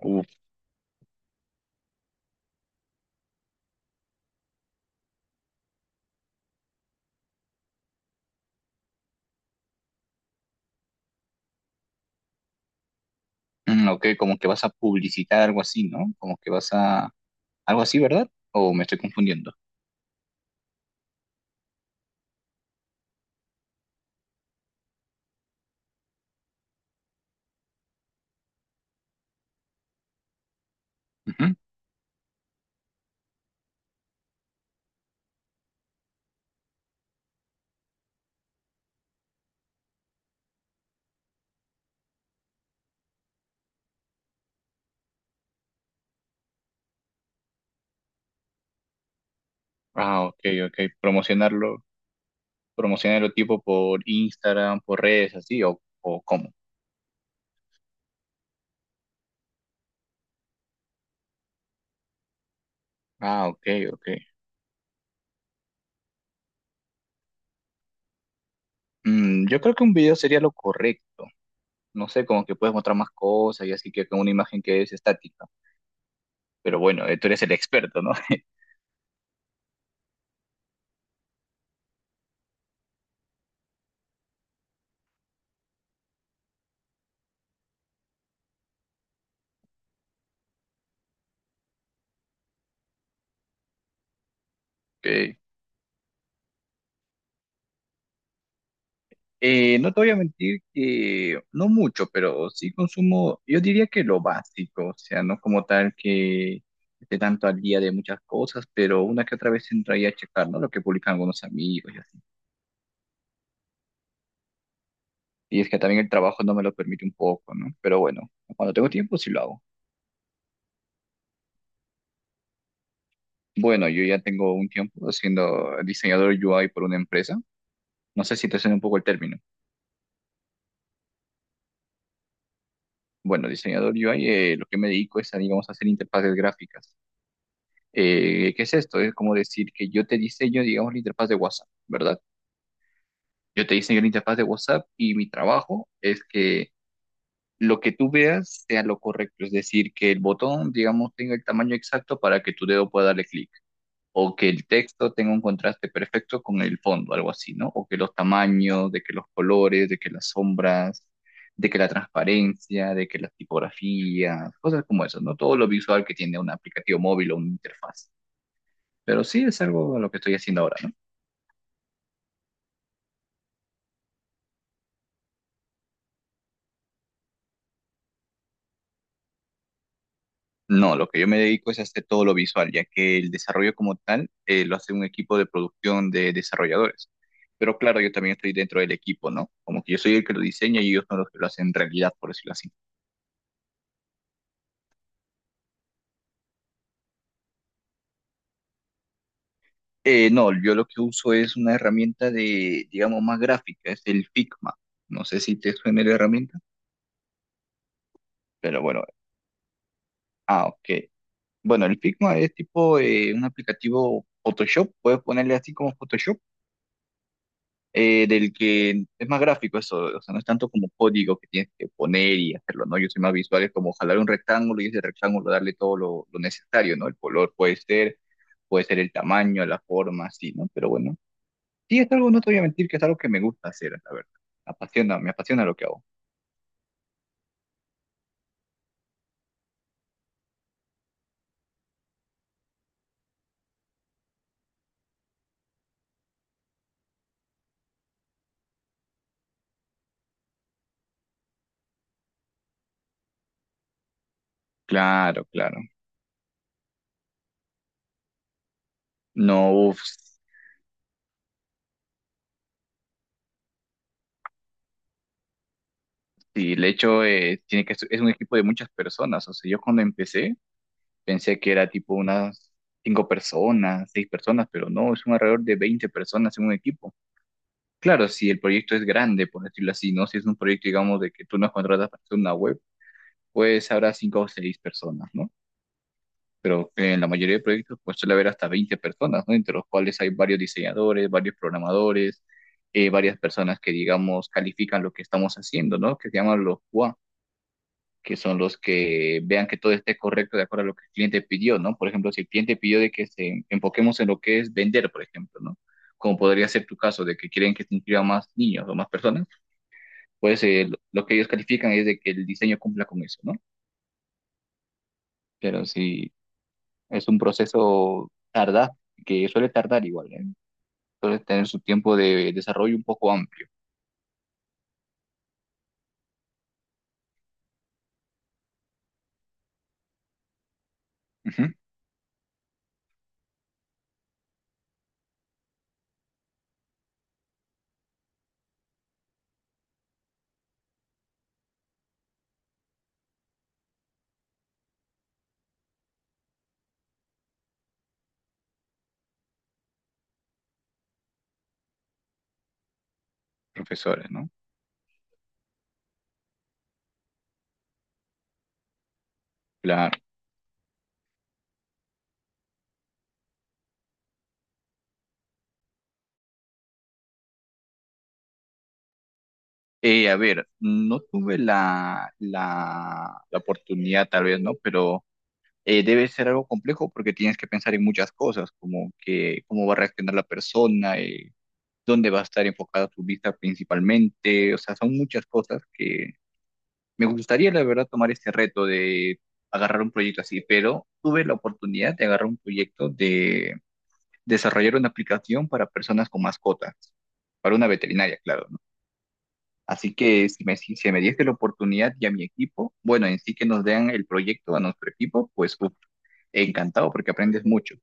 Uf, ok, como que vas a publicitar algo así, ¿no? Como que vas a... Algo así, ¿verdad? ¿O me estoy confundiendo? Ujú. Ah, ok, ok. Promocionarlo, promocionarlo tipo por Instagram, por redes, así, o cómo. Ah, ok, ok. Mm, yo creo que un video sería lo correcto. No sé, como que puedes mostrar más cosas y así que con una imagen que es estática. Pero bueno, tú eres el experto, ¿no? Ok. No te voy a mentir que no mucho, pero sí consumo, yo diría que lo básico, o sea, no como tal que esté tanto al día de muchas cosas, pero una que otra vez entraría a checar, ¿no? Lo que publican algunos amigos y así. Y es que también el trabajo no me lo permite un poco, ¿no? Pero bueno, cuando tengo tiempo sí lo hago. Bueno, yo ya tengo un tiempo siendo diseñador UI por una empresa. No sé si te suena un poco el término. Bueno, diseñador UI, lo que me dedico es a, digamos, hacer interfaces gráficas. ¿Qué es esto? Es como decir que yo te diseño, digamos, la interfaz de WhatsApp, ¿verdad? Yo te diseño la interfaz de WhatsApp y mi trabajo es que lo que tú veas sea lo correcto, es decir, que el botón, digamos, tenga el tamaño exacto para que tu dedo pueda darle clic, o que el texto tenga un contraste perfecto con el fondo, algo así, ¿no? O que los tamaños, de que los colores, de que las sombras, de que la transparencia, de que las tipografías, cosas como eso, ¿no? Todo lo visual que tiene un aplicativo móvil o una interfaz. Pero sí es algo a lo que estoy haciendo ahora, ¿no? No, lo que yo me dedico es a hacer todo lo visual, ya que el desarrollo como tal lo hace un equipo de producción de desarrolladores. Pero claro, yo también estoy dentro del equipo, ¿no? Como que yo soy el que lo diseña y ellos son los que lo hacen realidad, por decirlo así. No, yo lo que uso es una herramienta de, digamos, más gráfica, es el Figma. No sé si te suena la herramienta, pero bueno, ah, ok. Bueno, el Figma es tipo un aplicativo Photoshop, puedes ponerle así como Photoshop del que es más gráfico eso, o sea, no es tanto como código que tienes que poner y hacerlo, ¿no? Yo soy más visual, es como jalar un rectángulo y ese rectángulo darle todo lo necesario, ¿no? El color puede ser el tamaño, la forma, así, ¿no? Pero bueno, sí es algo, no te voy a mentir, que es algo que me gusta hacer, la verdad. Me apasiona lo que hago. Claro, claro. No, uff, sí, de hecho, tiene que, es un equipo de muchas personas, o sea, yo cuando empecé, pensé que era tipo unas cinco personas, seis personas, pero no, es un alrededor de 20 personas en un equipo. Claro, si el proyecto es grande, por decirlo así, ¿no? Si es un proyecto, digamos, de que tú nos contratas para hacer una web, pues habrá cinco o seis personas, ¿no? Pero en la mayoría de proyectos, pues suele haber hasta 20 personas, ¿no? Entre los cuales hay varios diseñadores, varios programadores, varias personas que, digamos, califican lo que estamos haciendo, ¿no? Que se llaman los QA, que son los que vean que todo esté correcto de acuerdo a lo que el cliente pidió, ¿no? Por ejemplo, si el cliente pidió de que se enfoquemos en lo que es vender, por ejemplo, ¿no? Como podría ser tu caso, de que quieren que se inscriban más niños o más personas, pues lo que ellos califican es de que el diseño cumpla con eso, ¿no? Pero si es un proceso tardaz, que suele tardar igual, ¿eh? Suele tener su tiempo de desarrollo un poco amplio. Ujú. Profesores, ¿no? Claro. A ver, no tuve la oportunidad, tal vez, ¿no? Pero debe ser algo complejo porque tienes que pensar en muchas cosas, como que cómo va a reaccionar la persona, dónde va a estar enfocada tu vista principalmente, o sea, son muchas cosas que me gustaría, la verdad, tomar este reto de agarrar un proyecto así, pero tuve la oportunidad de agarrar un proyecto de desarrollar una aplicación para personas con mascotas, para una veterinaria, claro. Así que si me, si se me diese la oportunidad y a mi equipo, bueno, en sí que nos den el proyecto a nuestro equipo, pues uf, encantado porque aprendes mucho.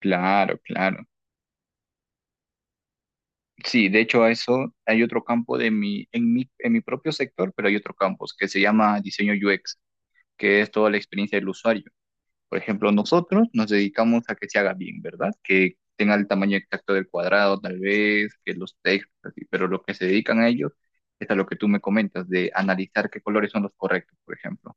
Claro, claro. Sí, de hecho a eso hay otro campo de mi, en mi, en mi propio sector, pero hay otro campo que se llama diseño UX, que es toda la experiencia del usuario. Por ejemplo, nosotros nos dedicamos a que se haga bien, ¿verdad? Que tenga el tamaño exacto del cuadrado, tal vez, que los textos, así, pero lo que se dedican a ellos es a lo que tú me comentas, de analizar qué colores son los correctos, por ejemplo,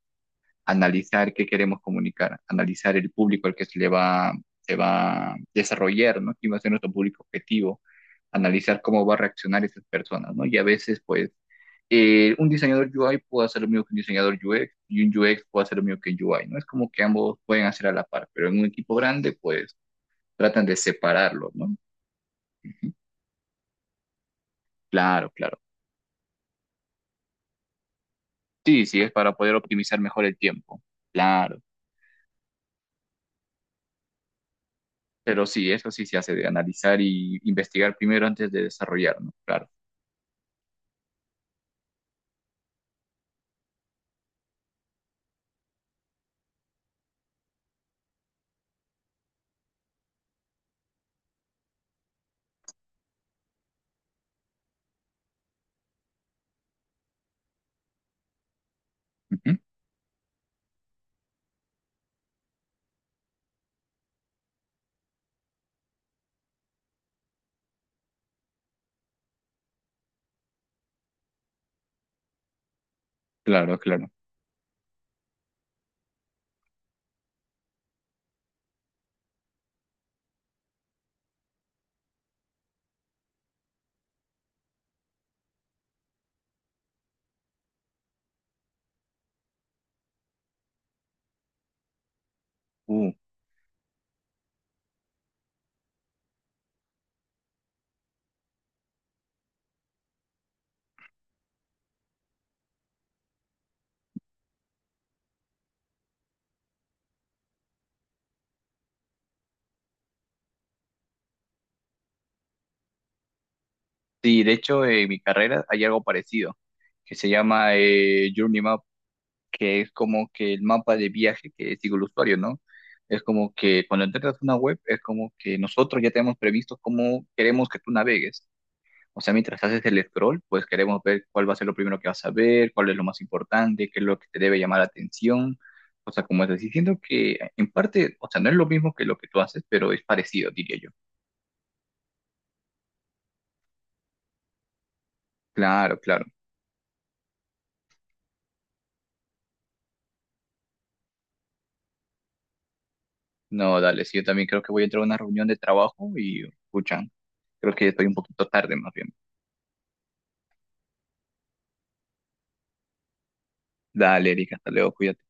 analizar qué queremos comunicar, analizar el público al que se va a desarrollar, ¿no? ¿Quién va a ser nuestro público objetivo? Analizar cómo va a reaccionar esas personas, ¿no? Y a veces, pues, un diseñador UI puede hacer lo mismo que un diseñador UX y un UX puede hacer lo mismo que un UI, ¿no? Es como que ambos pueden hacer a la par, pero en un equipo grande, pues tratan de separarlo, ¿no? Claro, claro. Sí, sí, es para poder optimizar mejor el tiempo. Claro. Pero sí, eso sí se hace de analizar y investigar primero antes de desarrollar, ¿no? Claro. Ujú. Claro, claro. Uh, sí, de hecho, en mi carrera hay algo parecido que se llama Journey, que es como que el mapa de viaje que sigue el usuario, ¿no? Es como que cuando entras a una web, es como que nosotros ya tenemos previsto cómo queremos que tú navegues. O sea, mientras haces el scroll, pues queremos ver cuál va a ser lo primero que vas a ver, cuál es lo más importante, qué es lo que te debe llamar la atención. O sea, como estás diciendo que en parte, o sea, no es lo mismo que lo que tú haces, pero es parecido, diría yo. Claro, claro. No, dale, sí, yo también creo que voy a entrar a una reunión de trabajo y, escuchan, creo que estoy un poquito tarde más bien. Dale, Erika, hasta luego, cuídate.